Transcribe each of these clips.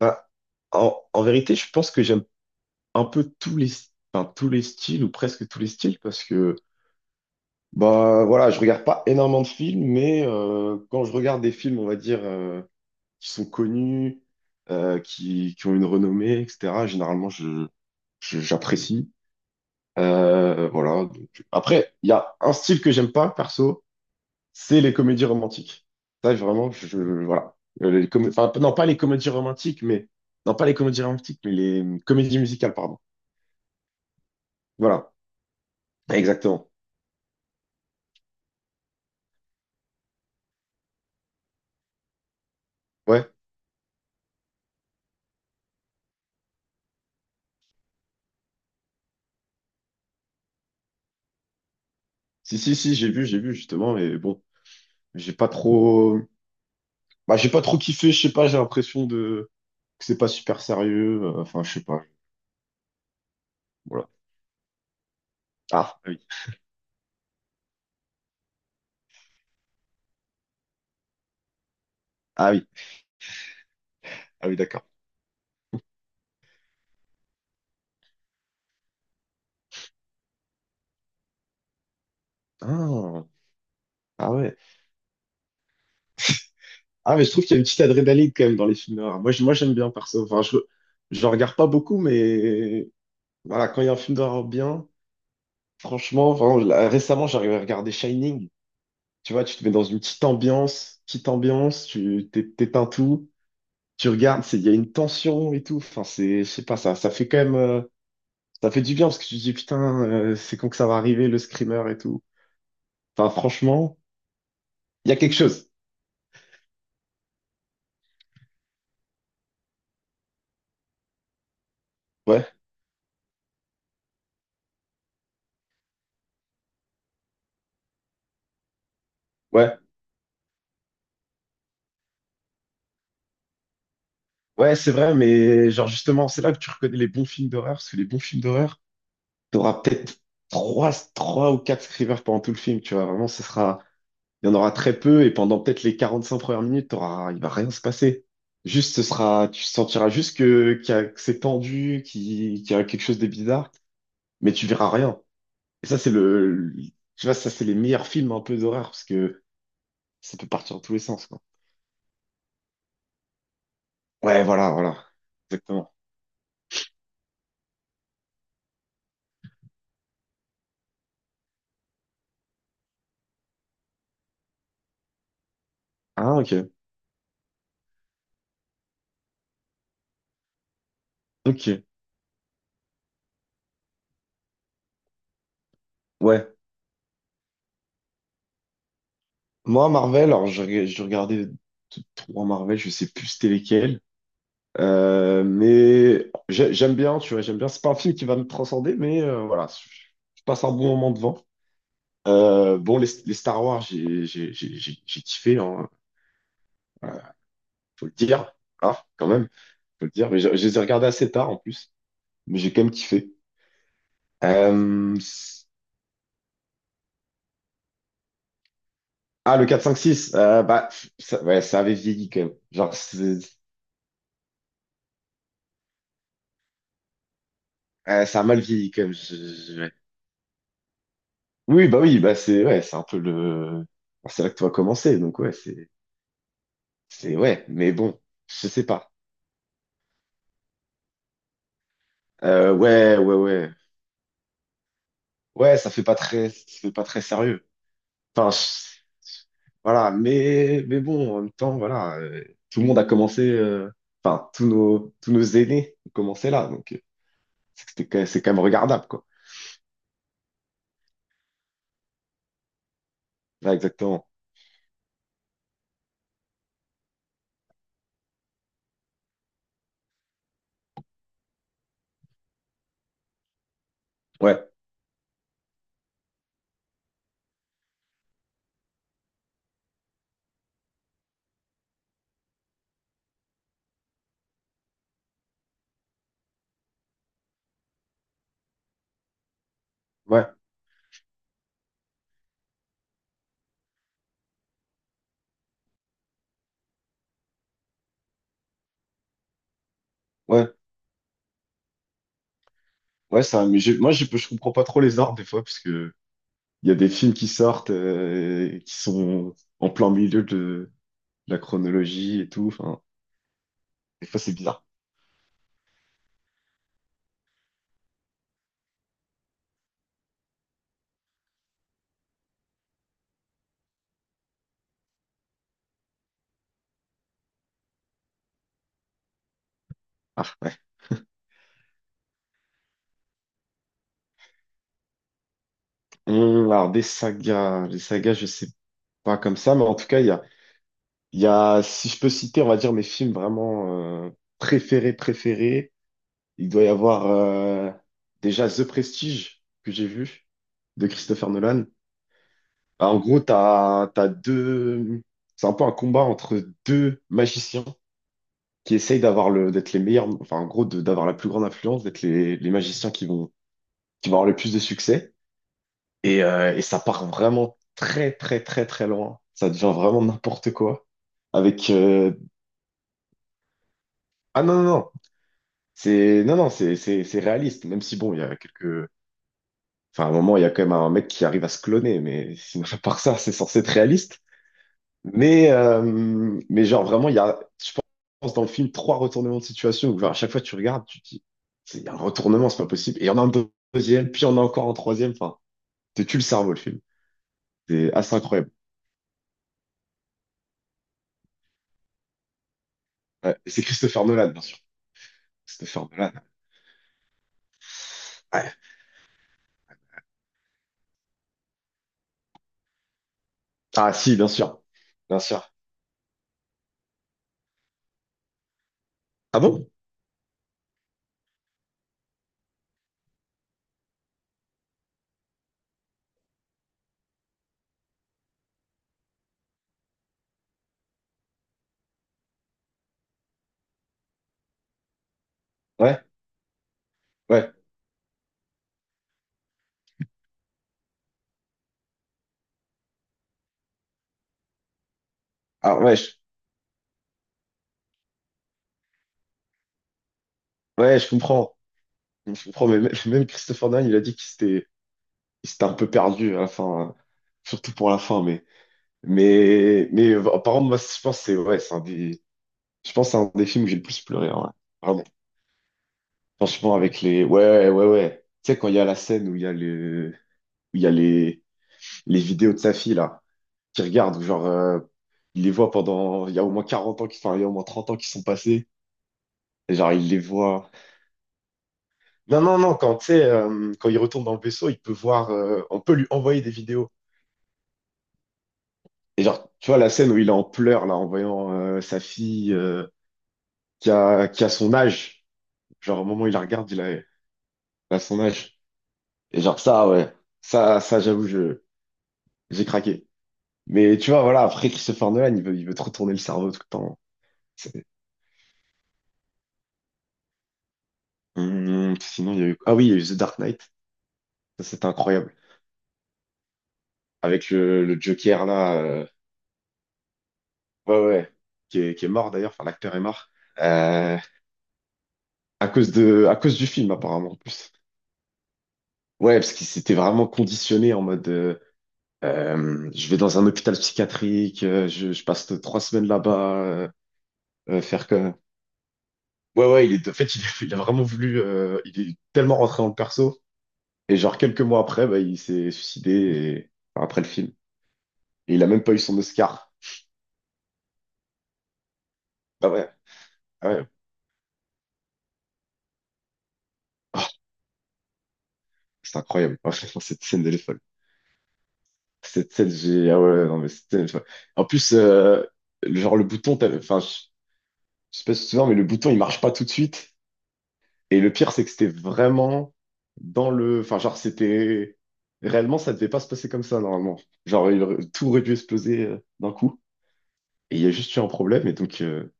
Bah, en vérité, je pense que j'aime un peu tous les styles ou presque tous les styles parce que voilà, je regarde pas énormément de films, mais quand je regarde des films, on va dire qui sont connus, qui ont une renommée, etc. Généralement, j'apprécie. Après, il y a un style que j'aime pas perso, c'est les comédies romantiques. Ça, vraiment, voilà. Les com- enfin, non, pas les comédies romantiques, mais Non, pas les comédies romantiques, mais les comédies musicales, pardon. Voilà, exactement. Ouais. Si, si, si, j'ai vu justement, et bon, j'ai pas trop, j'ai pas trop kiffé. Je sais pas, j'ai l'impression de que c'est pas super sérieux. Enfin, je sais pas. Voilà. Ah, ah oui, ah oui, ah oui, d'accord. Ah, ah ouais. Ah, mais je trouve qu'il y a une petite adrénaline quand même dans les films noirs. Moi, j'aime bien perso. Enfin, je regarde pas beaucoup, mais voilà, quand il y a un film d'horreur bien, franchement, vraiment, là, récemment, j'arrivais à regarder Shining. Tu vois, tu te mets dans une petite ambiance, t'éteins tout, tu regardes, il y a une tension et tout. Enfin, c'est, je sais pas, ça fait quand même, ça fait du bien parce que tu te dis, putain, c'est quand que ça va arriver, le screamer et tout. Enfin, franchement, il y a quelque chose. Ouais, ouais, ouais, c'est vrai, mais genre, justement, c'est là que tu reconnais les bons films d'horreur, parce que les bons films d'horreur, t'auras peut-être trois ou quatre screamers pendant tout le film, tu vois, vraiment, ce sera. Il y en aura très peu et pendant peut-être les 45 premières minutes, t'auras, il va rien se passer. Juste, ce sera, tu sentiras juste que, que c'est tendu, qu'il y a quelque chose de bizarre, mais tu verras rien. Et ça, c'est le- Tu vois, ça, c'est les meilleurs films un peu d'horreur parce que ça peut partir dans tous les sens, quoi. Ouais, voilà, voilà. Exactement. Ah, ok. Ok. Ouais. Moi, Marvel, alors, je regardais 3 Marvel, je sais plus c'était lesquels. J'aime bien, tu vois, j'aime bien. C'est pas un film qui va me transcender, mais voilà, je passe un bon moment devant. Les Star Wars, j'ai kiffé, hein, voilà, faut le dire. Ah, quand même, faut le dire. Mais je les ai regardés assez tard en plus, mais j'ai quand même kiffé. Euh, c- le 4 5 6, ça, ouais, ça avait vieilli quand même. Ouais, ça a mal vieilli quand même. Ouais. Oui, bah oui, c'est un peu le. Bon, c'est là que tout a commencé, donc ouais, c'est. C'est ouais, mais bon, je sais pas. Ouais. Ouais, ça fait pas très sérieux. Enfin, je- voilà, mais bon, en même temps, voilà, tout le monde a commencé, tous nos aînés ont commencé là, donc c'est que c'est quand même regardable, quoi. Ouais, exactement. Ouais, ouais, ouais, ouais, ça, mais je comprends pas trop les ordres des fois, parce que il y a des films qui sortent, qui sont en plein milieu de la chronologie et tout, enfin, des fois, c'est bizarre. Alors des sagas, les sagas, je sais pas comme ça, mais en tout cas, si je peux citer, on va dire mes films vraiment préférés, préférés. Il doit y avoir déjà The Prestige que j'ai vu de Christopher Nolan. Ah, en gros, t'as deux, c'est un peu un combat entre deux magiciens qui essayent d'avoir le, d'être les meilleurs, enfin en gros, d'avoir la plus grande influence, d'être les magiciens qui vont avoir le plus de succès. Et ça part vraiment très, très, très, très loin. Ça devient vraiment n'importe quoi. Avec. Ah non, non, non. C'est réaliste. Même si, bon, il y a quelques. Enfin, à un moment, il y a quand même un mec qui arrive à se cloner. Mais sinon, à part ça, c'est censé être réaliste. Mais genre, vraiment, je pense, dans le film, trois retournements de situation où, genre, à chaque fois, tu regardes, tu te dis, c'est il y a un retournement, c'est pas possible. Et il y en a un deuxième, puis il y en a encore un troisième. Enfin, te tue le cerveau, le film. C'est assez incroyable. Ouais. Et c'est Christopher Nolan, bien sûr. Christopher Nolan. Ouais. Ah si, bien sûr. Bien sûr. Ah bon? Ouais, ouais. Ah ouais, ouais, je comprends. Je comprends, mais même, même Christopher Nolan, il a dit qu'il s'était il s'était un peu perdu à la fin, surtout pour la fin, mais par contre, moi, je pense que c'est ouais, c'est un des je pense que c'est un des films où j'ai le plus pleuré, hein, ouais. Vraiment. Franchement, avec les ouais, ouais, ouais, ouais. Tu sais quand il y a la scène où il y a le où il y a les vidéos de sa fille là qui regarde où genre il les voit pendant il y a au moins 40 ans qui, il y a au moins 30 ans qui sont passés. Genre, il les voit. Non, non, non, quand, tu sais, quand il retourne dans le vaisseau, il peut voir, on peut lui envoyer des vidéos. Et genre, tu vois la scène où il est en pleurs, là, en voyant sa fille qui a son âge. Genre, au moment où il la regarde, il a, elle a son âge. Et genre, ça, ouais. J'avoue, j'ai craqué. Mais tu vois, voilà, après Christopher Nolan, il veut te retourner le cerveau tout le temps. C'est- sinon, il y a eu... Ah oui, il y a eu The Dark Knight. Ça, c'était incroyable. Avec le Joker, là, ouais, ouais, ouais, qui est mort d'ailleurs, enfin l'acteur est mort, euh, à cause de, à cause du film apparemment en plus. Ouais, parce qu'il s'était vraiment conditionné en mode, je vais dans un hôpital psychiatrique, euh, je passe 3 semaines là-bas, faire que. Ouais, ouais, il est, en fait, il, a il a vraiment voulu, il est tellement rentré dans le perso, et genre quelques mois après, il s'est suicidé, et, enfin, après le film. Et il a même pas eu son Oscar. Ah ouais, ah ouais. Oh, c'est incroyable, cette scène de cette selle, j'ai. Ah ouais, ouais, non, mais c'était. Enfin, en plus, genre, le bouton, je sais pas si tu te souviens, mais le bouton, il marche pas tout de suite. Et le pire, c'est que c'était vraiment dans le. Enfin, genre, c'était. Réellement, ça devait pas se passer comme ça, normalement. Tout aurait dû exploser d'un coup. Et il y a juste eu un problème, et donc,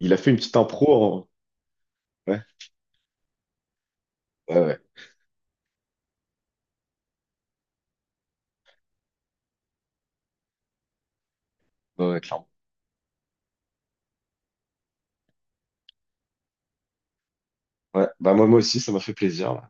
il a fait une petite impro en- Ouais, ouais, ouais, ouais, ouais, clairement. Ouais, bah, moi, moi aussi, ça m'a fait plaisir.